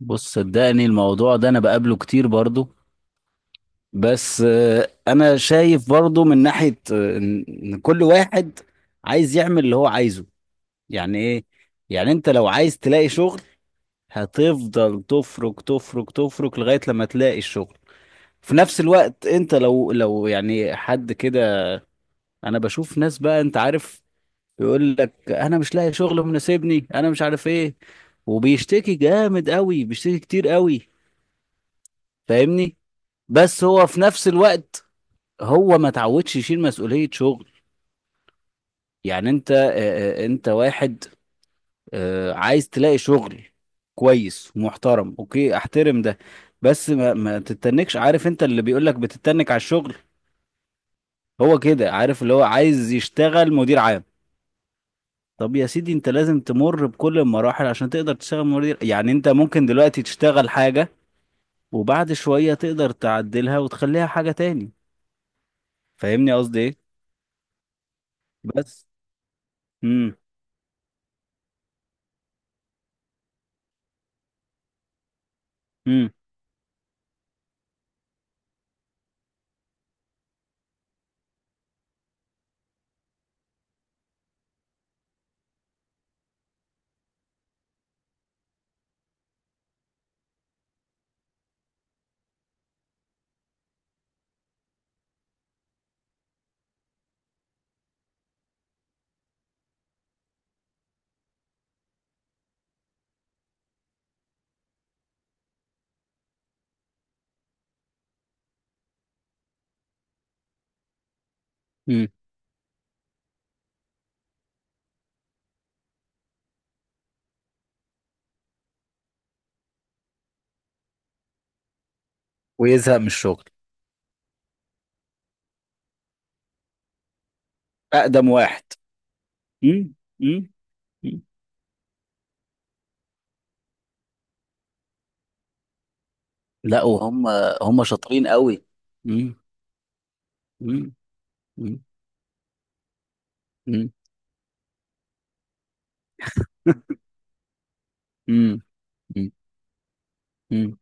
بص صدقني الموضوع ده انا بقابله كتير برضو. بس انا شايف برضو من ناحية ان كل واحد عايز يعمل اللي هو عايزه. يعني ايه؟ يعني انت لو عايز تلاقي شغل، هتفضل تفرك تفرك تفرك لغاية لما تلاقي الشغل. في نفس الوقت انت لو يعني حد كده، انا بشوف ناس بقى انت عارف، يقول لك انا مش لاقي شغل مناسبني انا مش عارف ايه، وبيشتكي جامد قوي بيشتكي كتير قوي، فاهمني. بس هو في نفس الوقت هو ما تعودش يشيل مسؤولية شغل. يعني انت انت واحد عايز تلاقي شغل كويس ومحترم، اوكي احترم ده. بس ما تتنكش، عارف انت اللي بيقولك بتتنك على الشغل، هو كده عارف اللي هو عايز يشتغل مدير عام. طب يا سيدي انت لازم تمر بكل المراحل عشان تقدر تشتغل مدير. يعني انت ممكن دلوقتي تشتغل حاجة، وبعد شوية تقدر تعدلها وتخليها حاجة تاني. فاهمني قصدي ايه؟ بس امم امم ويزهق من الشغل. اقدم واحد. مم. مم. مم. لا وهم. هم شاطرين قوي. مم. مم. مم. مم. مم. مم. مم.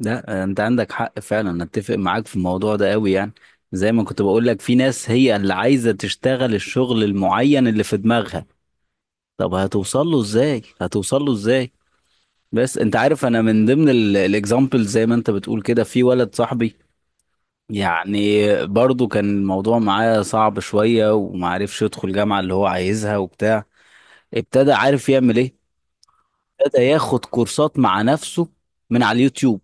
لا انت عندك حق فعلا، أنا اتفق معاك في الموضوع ده قوي يعني. زي ما كنت بقول لك، في ناس هي اللي عايزة تشتغل الشغل المعين اللي في دماغها. طب هتوصل له ازاي؟ هتوصل له ازاي؟ بس انت عارف، انا من ضمن الاكزامبل زي ما انت بتقول كده، في ولد صاحبي يعني، برضو كان الموضوع معاه صعب شوية ومعرفش يدخل جامعة اللي هو عايزها وبتاع. ابتدى عارف يعمل ايه؟ ابتدى ياخد كورسات مع نفسه من على اليوتيوب.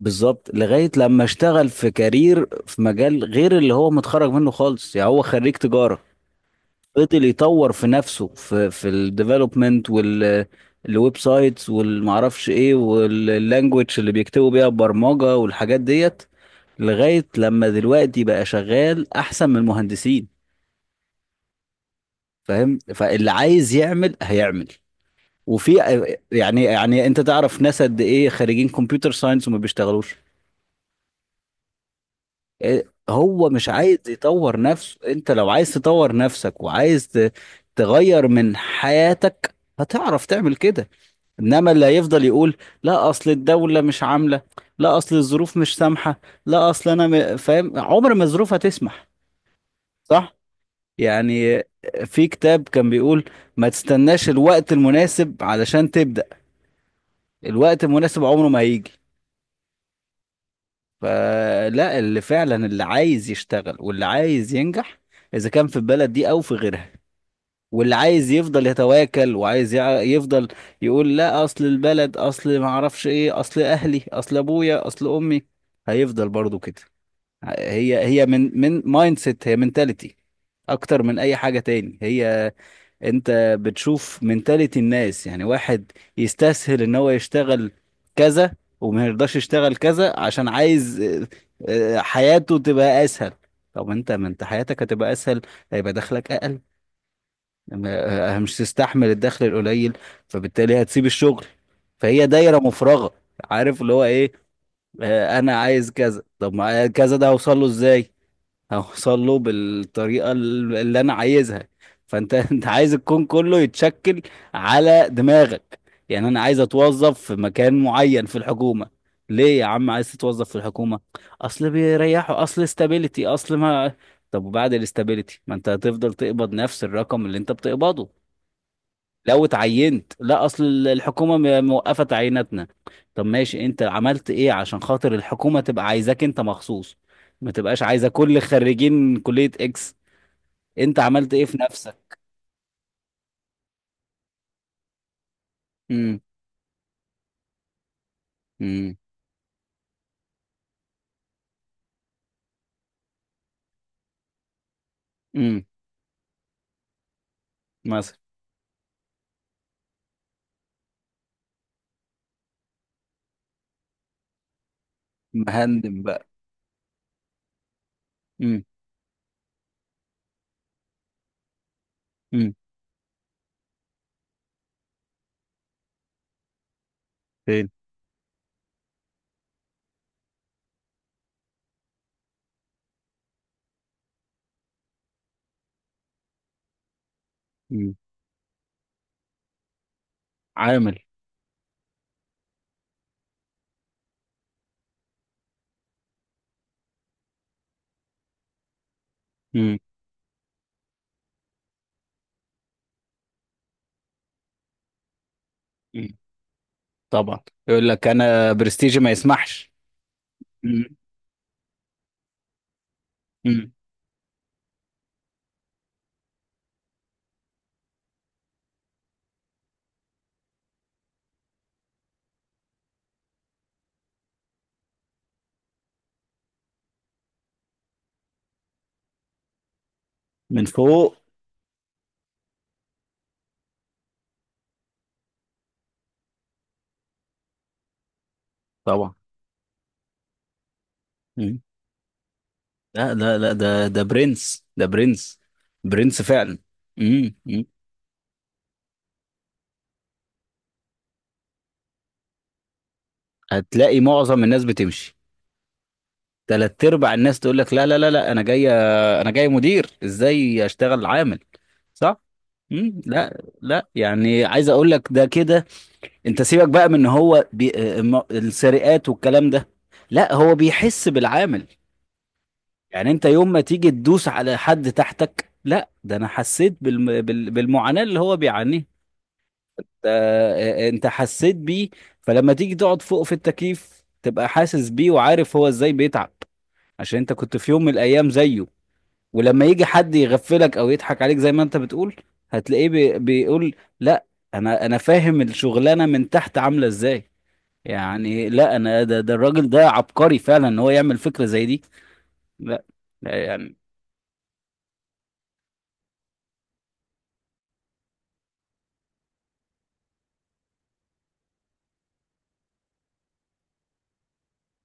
بالظبط، لغاية لما اشتغل في كارير في مجال غير اللي هو متخرج منه خالص، يعني هو خريج تجارة. فضل يطور في نفسه، في الديفلوبمنت وال الويب سايتس والمعرفش ايه، واللانجوج اللي بيكتبوا بيها البرمجة والحاجات ديت. لغاية لما دلوقتي بقى شغال احسن من المهندسين. فاهم؟ فاللي عايز يعمل هيعمل. وفي يعني انت تعرف ناس قد ايه خريجين كمبيوتر ساينس وما بيشتغلوش. إيه، هو مش عايز يطور نفسه. انت لو عايز تطور نفسك وعايز تغير من حياتك، هتعرف تعمل كده. انما اللي هيفضل يقول لا اصل الدولة مش عاملة، لا اصل الظروف مش سامحة، لا اصل انا فاهم، عمر ما الظروف هتسمح. صح؟ يعني في كتاب كان بيقول، ما تستناش الوقت المناسب علشان تبدأ، الوقت المناسب عمره ما هيجي. فلا اللي فعلا اللي عايز يشتغل واللي عايز ينجح، اذا كان في البلد دي او في غيرها، واللي عايز يفضل يتواكل وعايز يفضل يقول لا اصل البلد، اصل ما اعرفش ايه، اصل اهلي، اصل ابويا، اصل امي، هيفضل برضو كده. هي من مايند سيت، هي منتاليتي اكتر من اي حاجة تاني. هي انت بتشوف منتاليتي الناس، يعني واحد يستسهل ان هو يشتغل كذا، وما يرضاش يشتغل كذا عشان عايز حياته تبقى اسهل. طب انت ما انت حياتك هتبقى اسهل، هيبقى دخلك اقل. مش تستحمل الدخل القليل، فبالتالي هتسيب الشغل. فهي دايرة مفرغة. عارف اللي هو ايه؟ انا عايز كذا، طب ما كذا ده هوصل له ازاي؟ هوصل له بالطريقة اللي انا عايزها. فانت انت عايز الكون كله يتشكل على دماغك. يعني انا عايز اتوظف في مكان معين في الحكومة. ليه يا عم عايز تتوظف في الحكومة؟ اصل بيريحوا، اصل استابيليتي، اصل ما. طب وبعد الاستابيليتي ما انت هتفضل تقبض نفس الرقم اللي انت بتقبضه لو اتعينت. لا اصل الحكومه موقفه تعييناتنا. طب ماشي، انت عملت ايه عشان خاطر الحكومه تبقى عايزاك انت مخصوص؟ ما تبقاش عايزه كل خريجين كليه اكس. انت عملت ايه في نفسك؟ امم امم امم مثلا. مهندم بقى. امم امم فين؟ امم عامل. امم امم طبعا. يقول لك انا برستيجي ما يسمحش. امم امم من فوق. طبعا. لا لا لا، ده برنس، ده برنس، برنس فعلا. أمم. هتلاقي معظم الناس بتمشي. تلات ارباع الناس تقول لك لا لا لا لا، انا جاي، انا جاي مدير ازاي اشتغل عامل؟ صح. لا لا يعني عايز اقول لك، ده كده انت سيبك بقى من ان هو بي... السرقات والكلام ده. لا هو بيحس بالعامل. يعني انت يوم ما تيجي تدوس على حد تحتك، لا ده انا حسيت بالم... بال... بالمعاناة اللي هو بيعانيه. انت حسيت بيه. فلما تيجي تقعد فوق في التكييف، تبقى حاسس بيه وعارف هو ازاي بيتعب، عشان انت كنت في يوم من الايام زيه. ولما يجي حد يغفلك او يضحك عليك زي ما انت بتقول، هتلاقيه بيقول لا، انا فاهم الشغلانه من تحت عامله ازاي. يعني لا انا ده الراجل ده عبقري فعلا ان هو يعمل فكره زي دي. لا لا يعني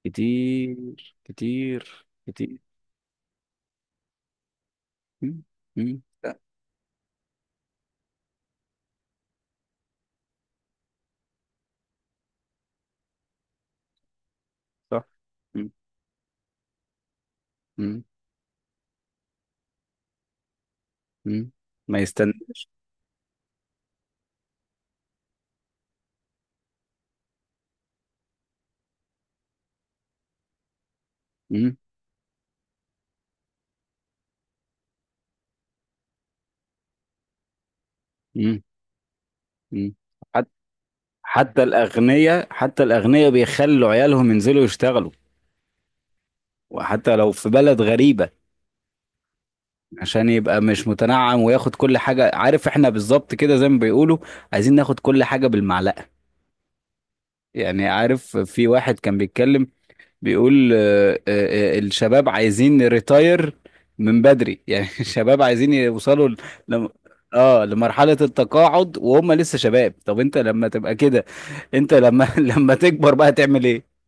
كتير كتير كتير. م- م- صح. م- م- م- ما يستناش. مم. مم. حت- حتى الأغنياء، حتى الأغنياء بيخلوا عيالهم ينزلوا يشتغلوا، وحتى لو في بلد غريبة، عشان يبقى مش متنعم وياخد كل حاجة. عارف احنا بالظبط كده زي ما بيقولوا، عايزين ناخد كل حاجة بالمعلقة. يعني عارف في واحد كان بيتكلم، بيقول الشباب عايزين ريتاير من بدري يعني الشباب عايزين يوصلوا ل... لم- اه لمرحلة التقاعد وهم لسه شباب. طب انت لما تبقى كده؟ انت لما لما تكبر بقى تعمل ايه؟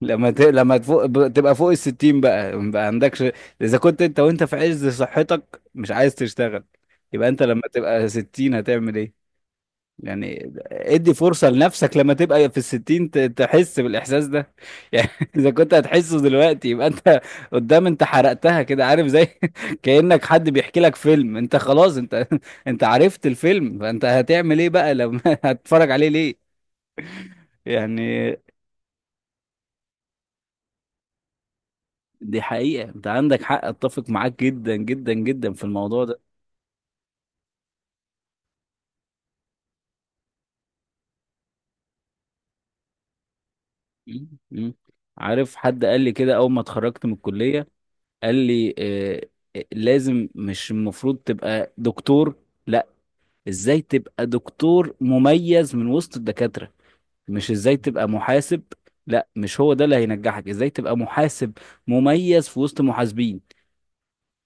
لما ت... لما تفوق تبقى فوق الستين بقى ما عندكش. اذا كنت انت وانت في عز صحتك مش عايز تشتغل، يبقى انت لما تبقى ستين هتعمل ايه؟ يعني ادي فرصة لنفسك لما تبقى في الستين ت... تحس بالإحساس ده يعني إذا كنت هتحسه دلوقتي، يبقى أنت قدام أنت حرقتها كده. عارف زي كأنك حد بيحكي لك فيلم، أنت خلاص أنت أنت عرفت الفيلم، فأنت هتعمل إيه بقى لما هتتفرج عليه ليه؟ يعني دي حقيقة، انت عندك حق، اتفق معاك جدا جدا جدا في الموضوع ده. مم. مم. عارف حد قال لي كده اول ما اتخرجت من الكلية، قال لي لازم، مش المفروض تبقى دكتور، لا، ازاي تبقى دكتور مميز من وسط الدكاترة. مش ازاي تبقى محاسب، لا، مش هو ده اللي هينجحك، ازاي تبقى محاسب مميز في وسط محاسبين.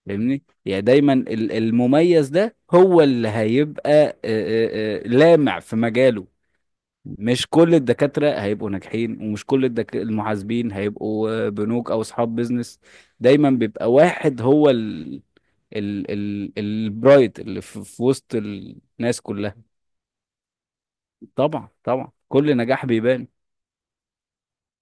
فاهمني؟ يعني دايما المميز ده هو اللي هيبقى لامع في مجاله. مش كل الدكاترة هيبقوا ناجحين، ومش كل المحاسبين هيبقوا بنوك أو أصحاب بيزنس. دايما بيبقى واحد هو ال... ال... ال... البرايت اللي في... في وسط الناس كلها. طبعا طبعا كل نجاح بيبان.